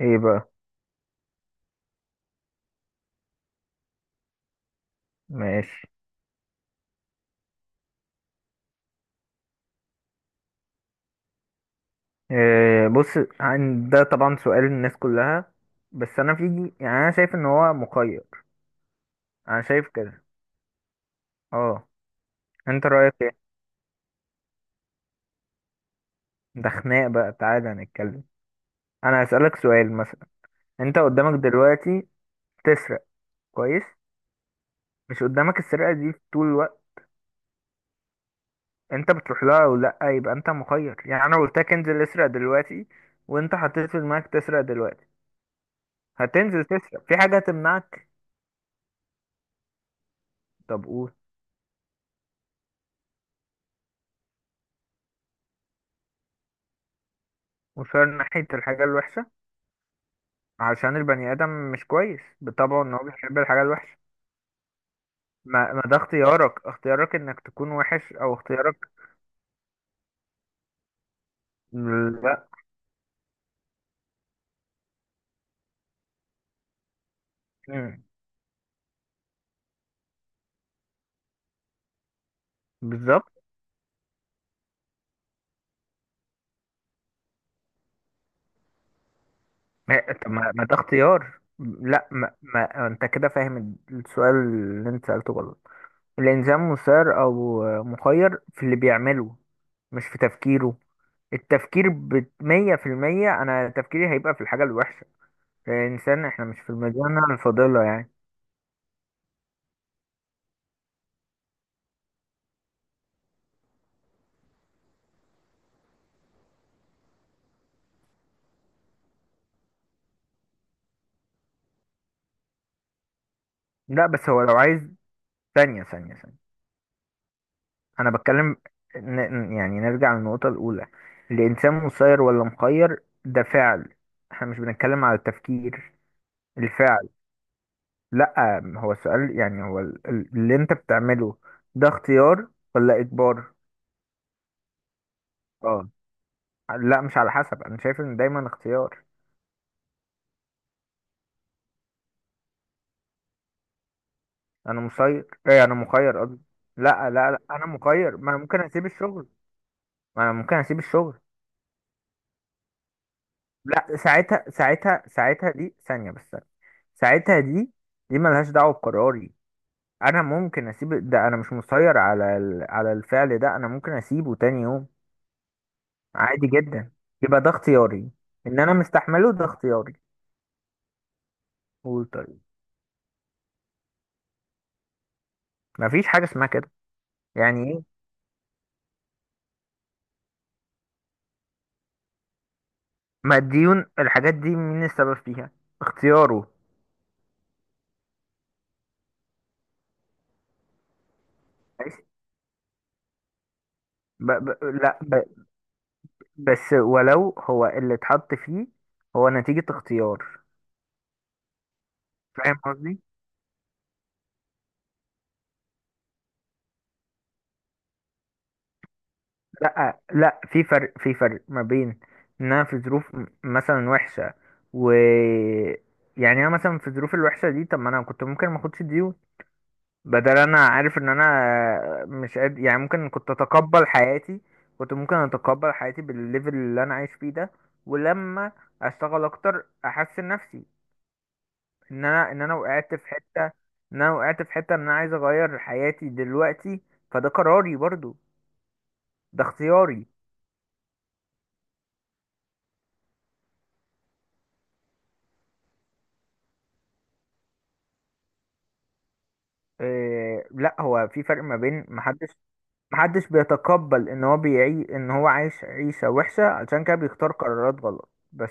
ايه بقى؟ ماشي. إيه؟ بص، عن ده طبعا سؤال الناس كلها، بس انا في انا شايف ان هو مخير. انا شايف كده. اه. انت رايك ايه؟ ده خناق بقى، تعالى نتكلم. انا هسألك سؤال مثلا. انت قدامك دلوقتي تسرق. كويس. مش قدامك السرقة دي طول الوقت؟ انت بتروح لها او لا، يبقى انت مخير. انا قلت لك انزل اسرق دلوقتي، وانت حطيت في دماغك تسرق دلوقتي، هتنزل تسرق؟ في حاجة هتمنعك؟ طب قول. وشار ناحية الحاجة الوحشة. عشان البني آدم مش كويس بطبعه، ان هو بيحب الحاجة الوحشة. ما ده اختيارك، اختيارك انك تكون وحش او اختيارك. لا. مم. بالظبط. ما, طب ما ده اختيار؟ لا ما انت كده فاهم السؤال اللي انت سألته غلط. الانسان مسير او مخير في اللي بيعمله، مش في تفكيره. التفكير بمية في المية انا تفكيري هيبقى في الحاجة الوحشة. الانسان احنا مش في المدينة الفاضلة لا بس هو لو عايز، ثانية ثانية ثانية، انا بتكلم. يعني نرجع للنقطة الاولى. الانسان مسير ولا مخير ده فعل، احنا مش بنتكلم على التفكير. الفعل. لا هو السؤال هو اللي انت بتعمله ده اختيار ولا اجبار؟ اه. لا مش على حسب، انا شايف ان دايما اختيار. انا مسير، ايه انا مخير قصدي. لا لا لا انا مخير، ما انا ممكن اسيب الشغل، ما انا ممكن اسيب الشغل. لا ساعتها ساعتها ساعتها دي ثانية بس ثانية. ساعتها دي، دي ملهاش دعوة بقراري. انا ممكن اسيب ده، انا مش مسير على على الفعل ده، انا ممكن اسيبه تاني يوم. عادي جدا. يبقى ده اختياري، ان انا مستحمله ده اختياري. قول طيب. مفيش حاجه اسمها كده. يعني ايه؟ ما الديون الحاجات دي مين السبب فيها؟ اختياره. ماشي. ب... ب... لا ب... بس ولو هو اللي اتحط فيه، هو نتيجه اختيار. فاهم قصدي؟ لا، لا في فرق، في فرق ما بين ان انا في ظروف مثلا وحشه و، يعني انا مثلا في الظروف الوحشه دي، طب ما انا كنت ممكن ما اخدش ديون. بدل انا عارف ان انا مش قادر، يعني ممكن كنت اتقبل حياتي، كنت ممكن اتقبل حياتي بالليفل اللي انا عايش فيه ده، ولما اشتغل اكتر احسن نفسي. ان انا وقعت في حته، ان انا وقعت في حته، ان انا عايز اغير حياتي دلوقتي، فده قراري برضو. ده اختياري. إيه، لا هو في فرق ما بين، محدش، محدش بيتقبل ان هو بيعي ان هو عايش عيشة وحشة علشان كده بيختار قرارات غلط بس.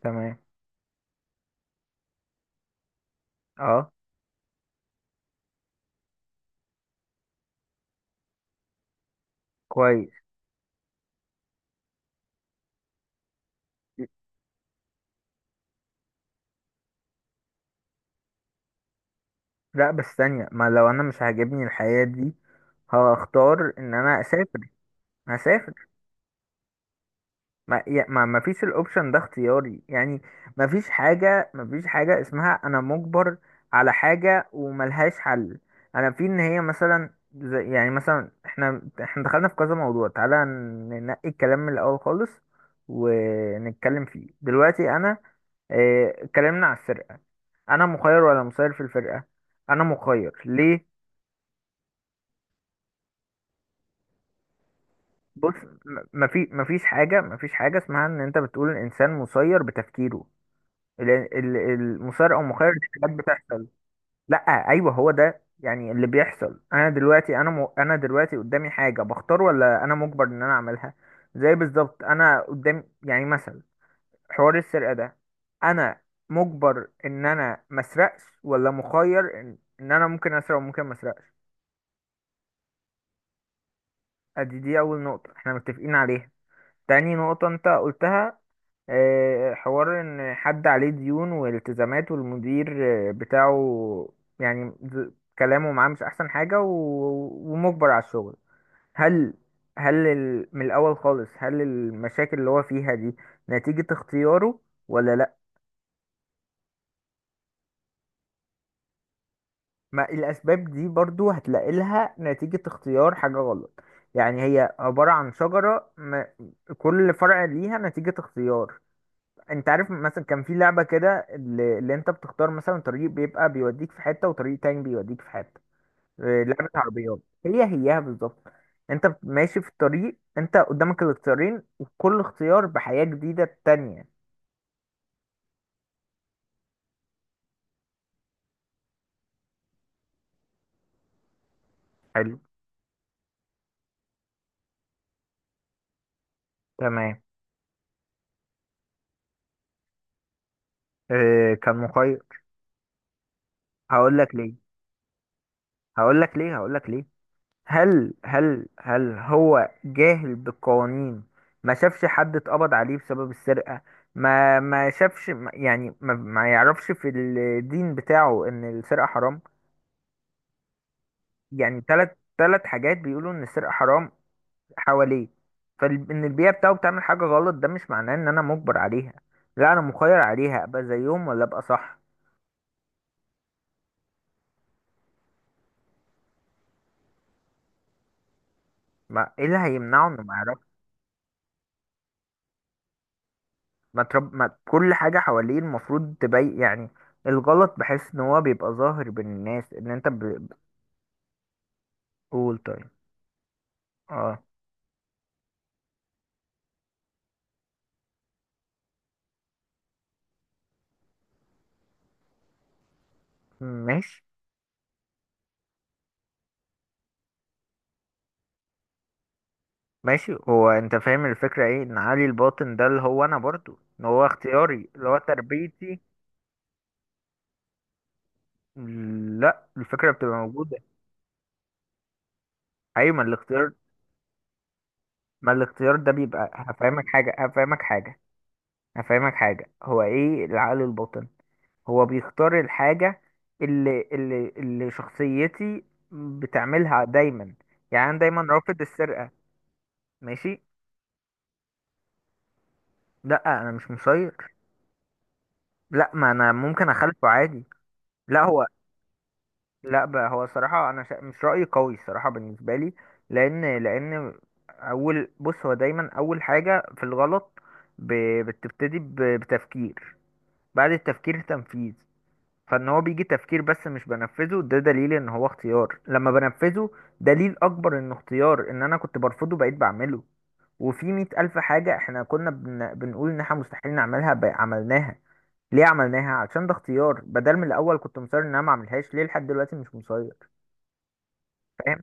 تمام. اه. كويس. لا بس ثانية، ما لو انا مش عاجبني الحياة دي، هختار ان انا اسافر، هسافر. ما يا- ما ما فيش الاوبشن ده اختياري يعني. ما فيش حاجة، ما فيش حاجة اسمها انا مجبر على حاجة وملهاش حل. انا في ان هي مثلا، زي يعني مثلا احنا، احنا دخلنا في كذا موضوع، تعالى ننقي الكلام من الاول خالص ونتكلم فيه دلوقتي. انا آه، اتكلمنا على السرقة، انا مخير ولا مسير في الفرقة؟ انا مخير ليه؟ بص، ما في، ما فيش حاجة، ما فيش حاجة اسمها ان انت بتقول الانسان مسير بتفكيره. لأن المسارقة والمخالفة دي حاجات بتحصل. لا ايوه هو ده يعني اللي بيحصل. انا دلوقتي انا انا دلوقتي قدامي حاجة، بختار ولا انا مجبر ان انا اعملها؟ زي بالظبط انا قدام يعني مثلا حوار السرقة ده، انا مجبر ان انا ما اسرقش ولا مخير ان إن انا ممكن اسرق وممكن ما اسرقش؟ ادي دي اول نقطة احنا متفقين عليها. تاني نقطة انت قلتها آه، حوار ان حد عليه ديون والتزامات والمدير آه، بتاعه، يعني ز- كلامه معاه مش احسن حاجة ومجبر على الشغل. هل، هل من الاول خالص هل المشاكل اللي هو فيها دي نتيجة اختياره ولا لا؟ ما الاسباب دي برضو هتلاقي لها نتيجة اختيار حاجة غلط. يعني هي عبارة عن شجرة كل فرع ليها نتيجة اختيار. انت عارف مثلا كان في لعبة كده اللي انت بتختار مثلا طريق بيبقى بيوديك في حتة وطريق تاني بيوديك في حتة؟ آه، لعبة عربيات، هي هيها بالظبط. انت ماشي في الطريق، انت قدامك الاختيارين وكل اختيار بحياة جديدة تانية. حلو. تمام. اه كان مخير. هقول لك ليه، هقول لك ليه، هقول لك ليه. هل هل هل هو جاهل بالقوانين؟ ما شافش حد اتقبض عليه بسبب السرقة؟ ما ما شافش ما- يعني ما يعرفش في الدين بتاعه ان السرقة حرام؟ يعني ثلاث، 3 حاجات بيقولوا ان السرقة حرام حواليه. فان البيئة بتاعه بتعمل حاجة غلط ده مش معناه ان انا مجبر عليها، لا انا مخير عليها ابقى زيهم ولا ابقى صح. ما ايه اللي هيمنعه انه ما يعرفش؟ ما كل حاجة حواليه المفروض تبين يعني الغلط، بحس ان هو بيبقى ظاهر بين الناس ان انت قول طيب. اه. ماشي، ماشي. هو انت فاهم الفكرة ايه ان علي الباطن ده اللي هو انا برضو، ان هو اختياري اللي هو تربيتي. لا الفكرة بتبقى موجودة. ايوه ما الاختيار، ما الاختيار ده بيبقى، هفهمك حاجة، هفهمك حاجة، هفهمك حاجة، هو ايه العقل الباطن؟ هو بيختار الحاجة اللي اللي شخصيتي بتعملها دايما. يعني انا دايما رافض السرقة. ماشي. لا انا مش مسير. لا ما انا ممكن اخالفه عادي. لا هو، لا بقى هو صراحة انا مش رأيي قوي الصراحة بالنسبة لي. لان، لان، اول، بص هو دايما اول حاجة في الغلط ب... بتبتدي بتفكير، بعد التفكير تنفيذ. فان هو بيجي تفكير بس مش بنفذه ده دليل ان هو اختيار. لما بنفذه دليل اكبر انه اختيار، ان انا كنت برفضه بقيت بعمله. وفي 100 ألف حاجة احنا كنا بنقول ان احنا مستحيل نعملها بقى عملناها. ليه عملناها؟ عشان ده اختيار. بدل من الاول كنت مصر ان انا ما اعملهاش ليه لحد دلوقتي؟ مش مصير. فاهم.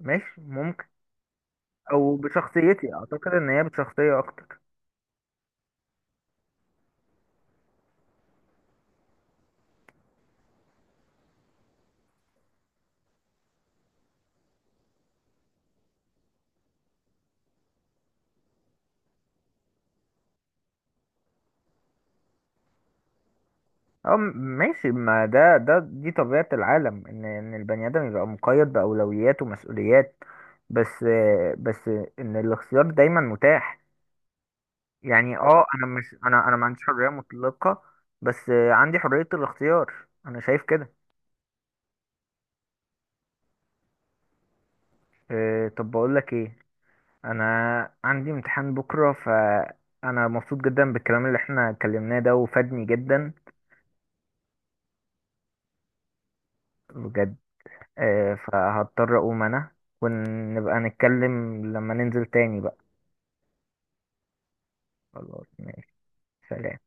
ماشي، ممكن. او بشخصيتي، اعتقد ان هي بشخصية اكتر. اه ماشي، ما ده ده دي طبيعة العالم ان ان البني ادم يبقى مقيد بأولويات ومسؤوليات. بس، بس ان الاختيار دايما متاح. يعني اه انا مش انا، انا ما عنديش حرية مطلقة بس عندي حرية الاختيار. انا شايف كده. اه، طب بقول لك ايه، انا عندي امتحان بكرة، فانا مبسوط جدا بالكلام اللي احنا اتكلمناه ده وفادني جدا. بجد. اه، فهضطر اقوم انا، ونبقى نتكلم لما ننزل تاني بقى. خلاص ماشي. سلام.